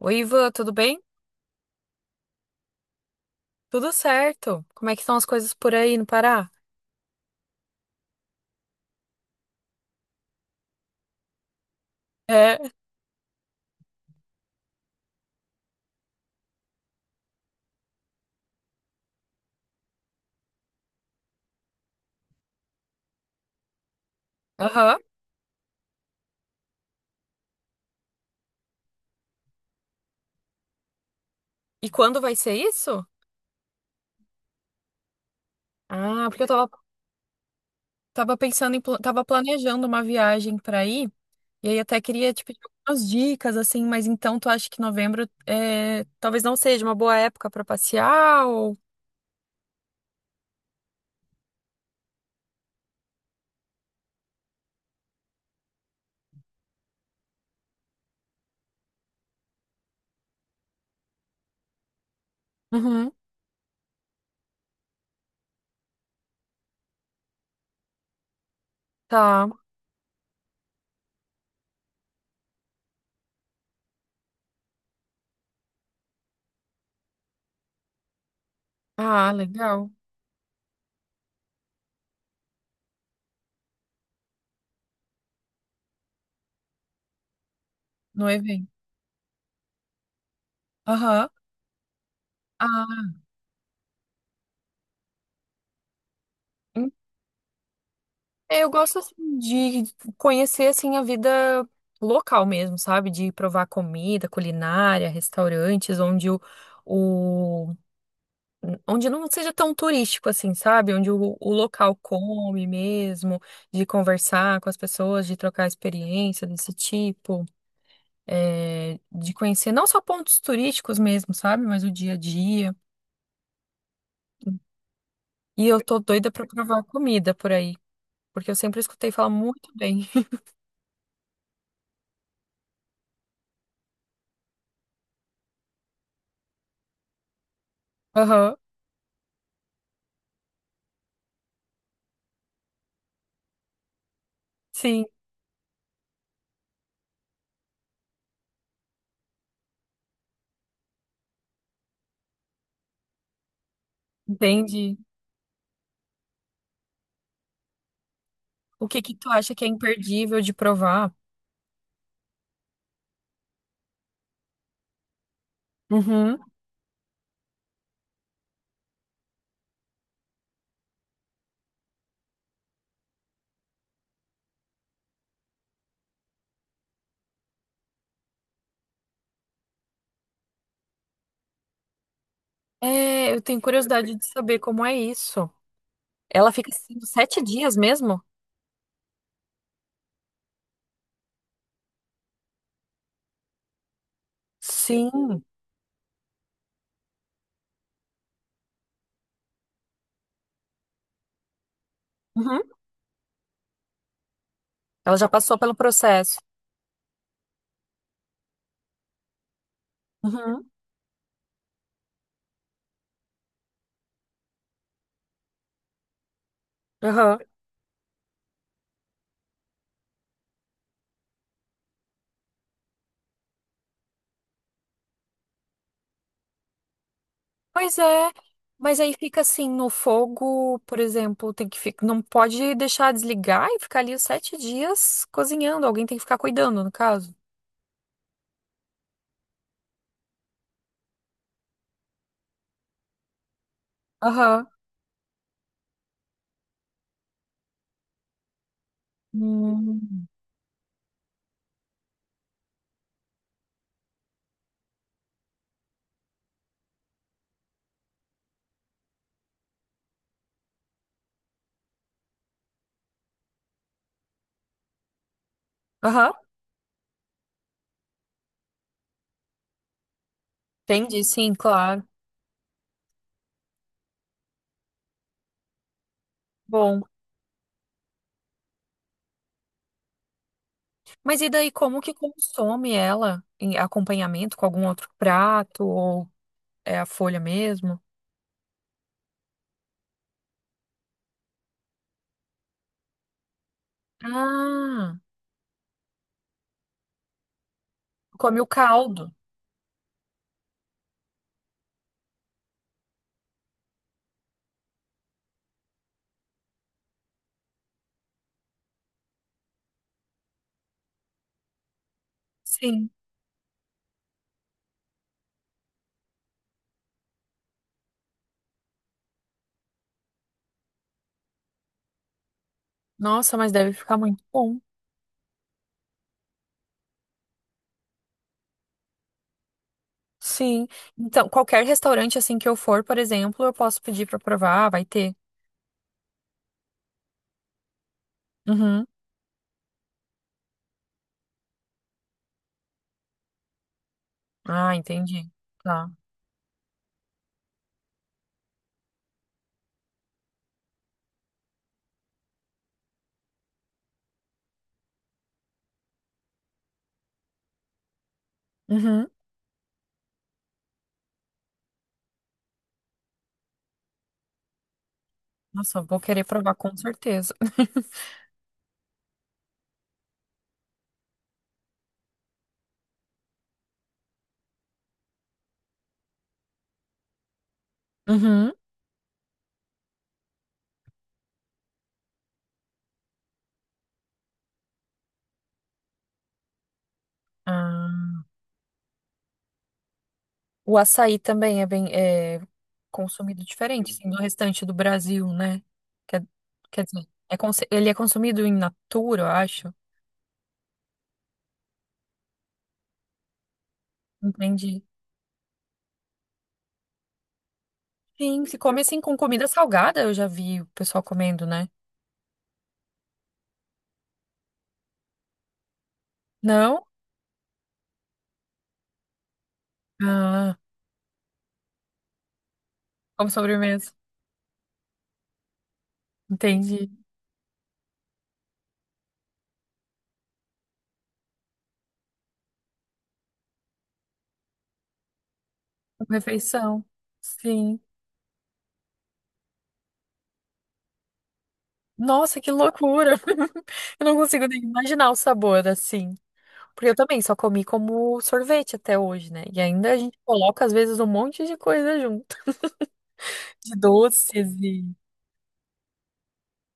Oi, Ivan, tudo bem? Tudo certo. Como é que estão as coisas por aí no Pará? É, aham. E quando vai ser isso? Ah, porque eu tava pensando em, tava planejando uma viagem pra ir, e aí até queria tipo, te pedir algumas dicas, assim, mas então tu acha que novembro é, talvez não seja uma boa época pra passear ou... Uhum, tá. Ah, legal. No evento. Aham. Ah, é, eu gosto assim, de conhecer assim a vida local mesmo, sabe? De provar comida, culinária, restaurantes, onde o- onde não seja tão turístico assim, sabe? Onde o local come mesmo, de conversar com as pessoas, de trocar experiência desse tipo, é, de conhecer não só pontos turísticos mesmo, sabe? Mas o dia a dia. E eu tô doida pra provar comida por aí, porque eu sempre escutei falar muito bem. Aham, sim, entendi. O que que tu acha que é imperdível de provar? Uhum. É, eu tenho curiosidade de saber como é isso. Ela fica assim, sete dias mesmo? Sim. Uhum. Ela já passou pelo processo. Uhum. Aham. Pois é. Mas aí fica assim no fogo, por exemplo, tem que ficar, não pode deixar desligar e ficar ali os sete dias cozinhando. Alguém tem que ficar cuidando, no caso. Aham. Hum. Aham. Entendi, sim, claro. Bom. Mas e daí, como que consome ela em acompanhamento com algum outro prato ou é a folha mesmo? Ah, come o caldo. Sim. Nossa, mas deve ficar muito bom. Sim. Então, qualquer restaurante assim que eu for, por exemplo, eu posso pedir pra provar, vai ter. Uhum. Ah, entendi. Tá. Uhum. Nossa, eu vou querer provar com certeza. Uhum. Ah. O açaí também é bem é, consumido diferente, assim, do restante do Brasil, né? Quer, quer dizer, é ele é consumido em natura, eu acho. Entendi. Sim, se come assim com comida salgada, eu já vi o pessoal comendo, né? Não? Ah, como sobremesa. Entendi. Como refeição. Sim. Nossa, que loucura! Eu não consigo nem imaginar o sabor assim. Porque eu também só comi como sorvete até hoje, né? E ainda a gente coloca, às vezes, um monte de coisa junto. De doces e,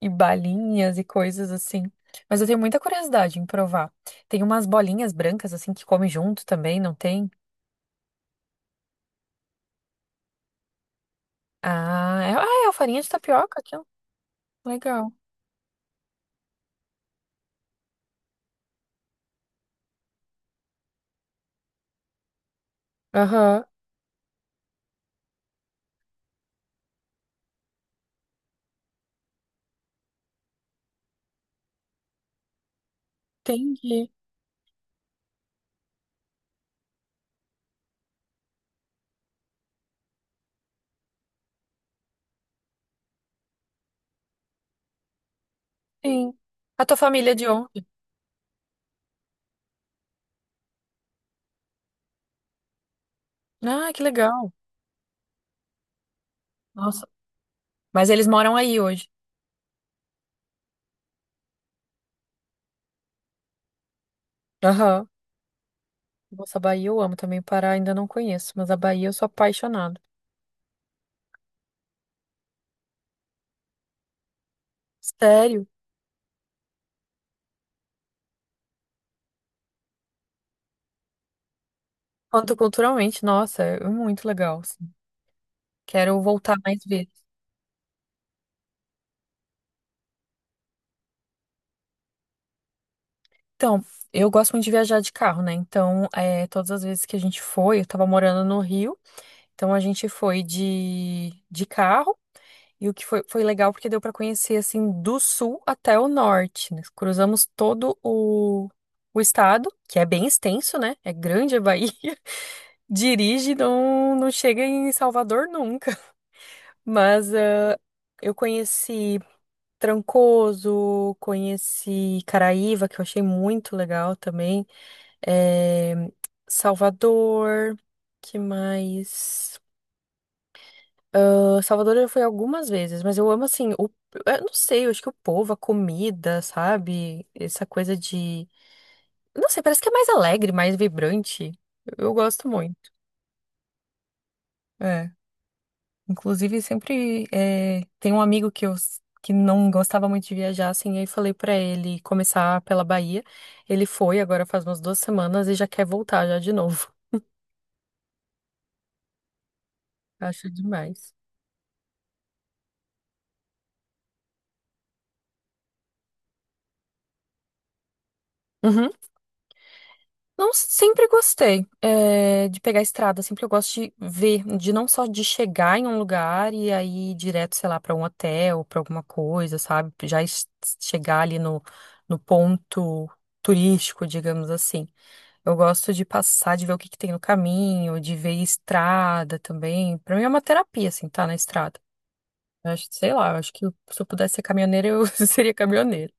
e balinhas e coisas assim. Mas eu tenho muita curiosidade em provar. Tem umas bolinhas brancas assim que come junto também, não tem? Ah, é a farinha de tapioca aqui, ó. Legal. Aham, entendi. Sim. A tua família é de onde? Ah, que legal. Nossa. Mas eles moram aí hoje. Aham. Nossa, a Bahia eu amo também. O Pará ainda não conheço, mas a Bahia eu sou apaixonada. Sério? Quanto culturalmente, nossa, é muito legal, assim. Quero voltar mais vezes. Então, eu gosto muito de viajar de carro, né? Então, é, todas as vezes que a gente foi, eu tava morando no Rio, então a gente foi de carro. E o que foi, foi legal porque deu pra conhecer, assim, do sul até o norte, né? Cruzamos todo o estado, que é bem extenso, né? É grande a Bahia. Dirige, não, não chega em Salvador nunca. Mas ah, eu conheci Trancoso, conheci Caraíva, que eu achei muito legal também, eh, Salvador, que mais? Ah, Salvador eu fui algumas vezes, mas eu amo assim, o, eu não sei, eu acho que o povo, a comida, sabe? Essa coisa de, eu não sei, parece que é mais alegre, mais vibrante. Eu gosto muito. É. Inclusive, sempre tem um amigo que eu que não gostava muito de viajar, assim, aí falei pra ele começar pela Bahia. Ele foi agora faz umas duas semanas e já quer voltar já de novo. Acho demais. Não, sempre gostei, é, de pegar a estrada, sempre eu gosto de ver, de não só de chegar em um lugar e aí ir direto, sei lá, para um hotel, para alguma coisa, sabe? Chegar ali no, no ponto turístico, digamos assim. Eu gosto de passar, de ver o que que tem no caminho, de ver estrada também. Para mim é uma terapia, assim, tá na estrada. Eu acho, sei lá, eu acho que se eu pudesse ser caminhoneira, eu seria caminhoneira.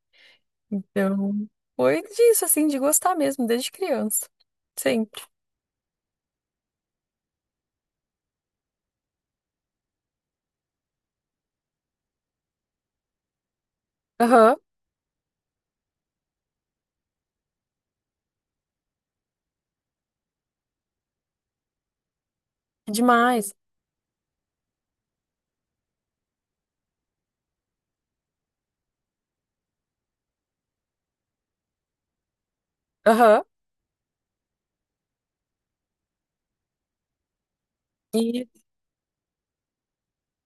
Então, foi disso, assim, de gostar mesmo, desde criança. Sim. Aham, demais. Aham. E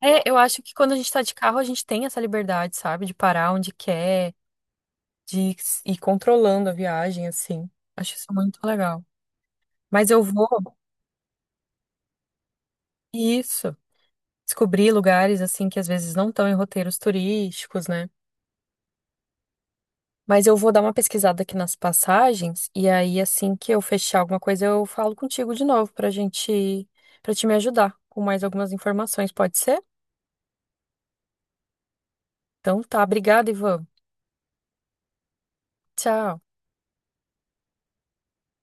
é, eu acho que quando a gente tá de carro, a gente tem essa liberdade, sabe? De parar onde quer, de ir controlando a viagem, assim. Acho isso muito legal. Mas eu vou, isso, descobrir lugares, assim, que às vezes não estão em roteiros turísticos, né? Mas eu vou dar uma pesquisada aqui nas passagens, e aí, assim que eu fechar alguma coisa, eu falo contigo de novo pra gente, pra te me ajudar com mais algumas informações, pode ser? Então tá, obrigada, Ivan. Tchau.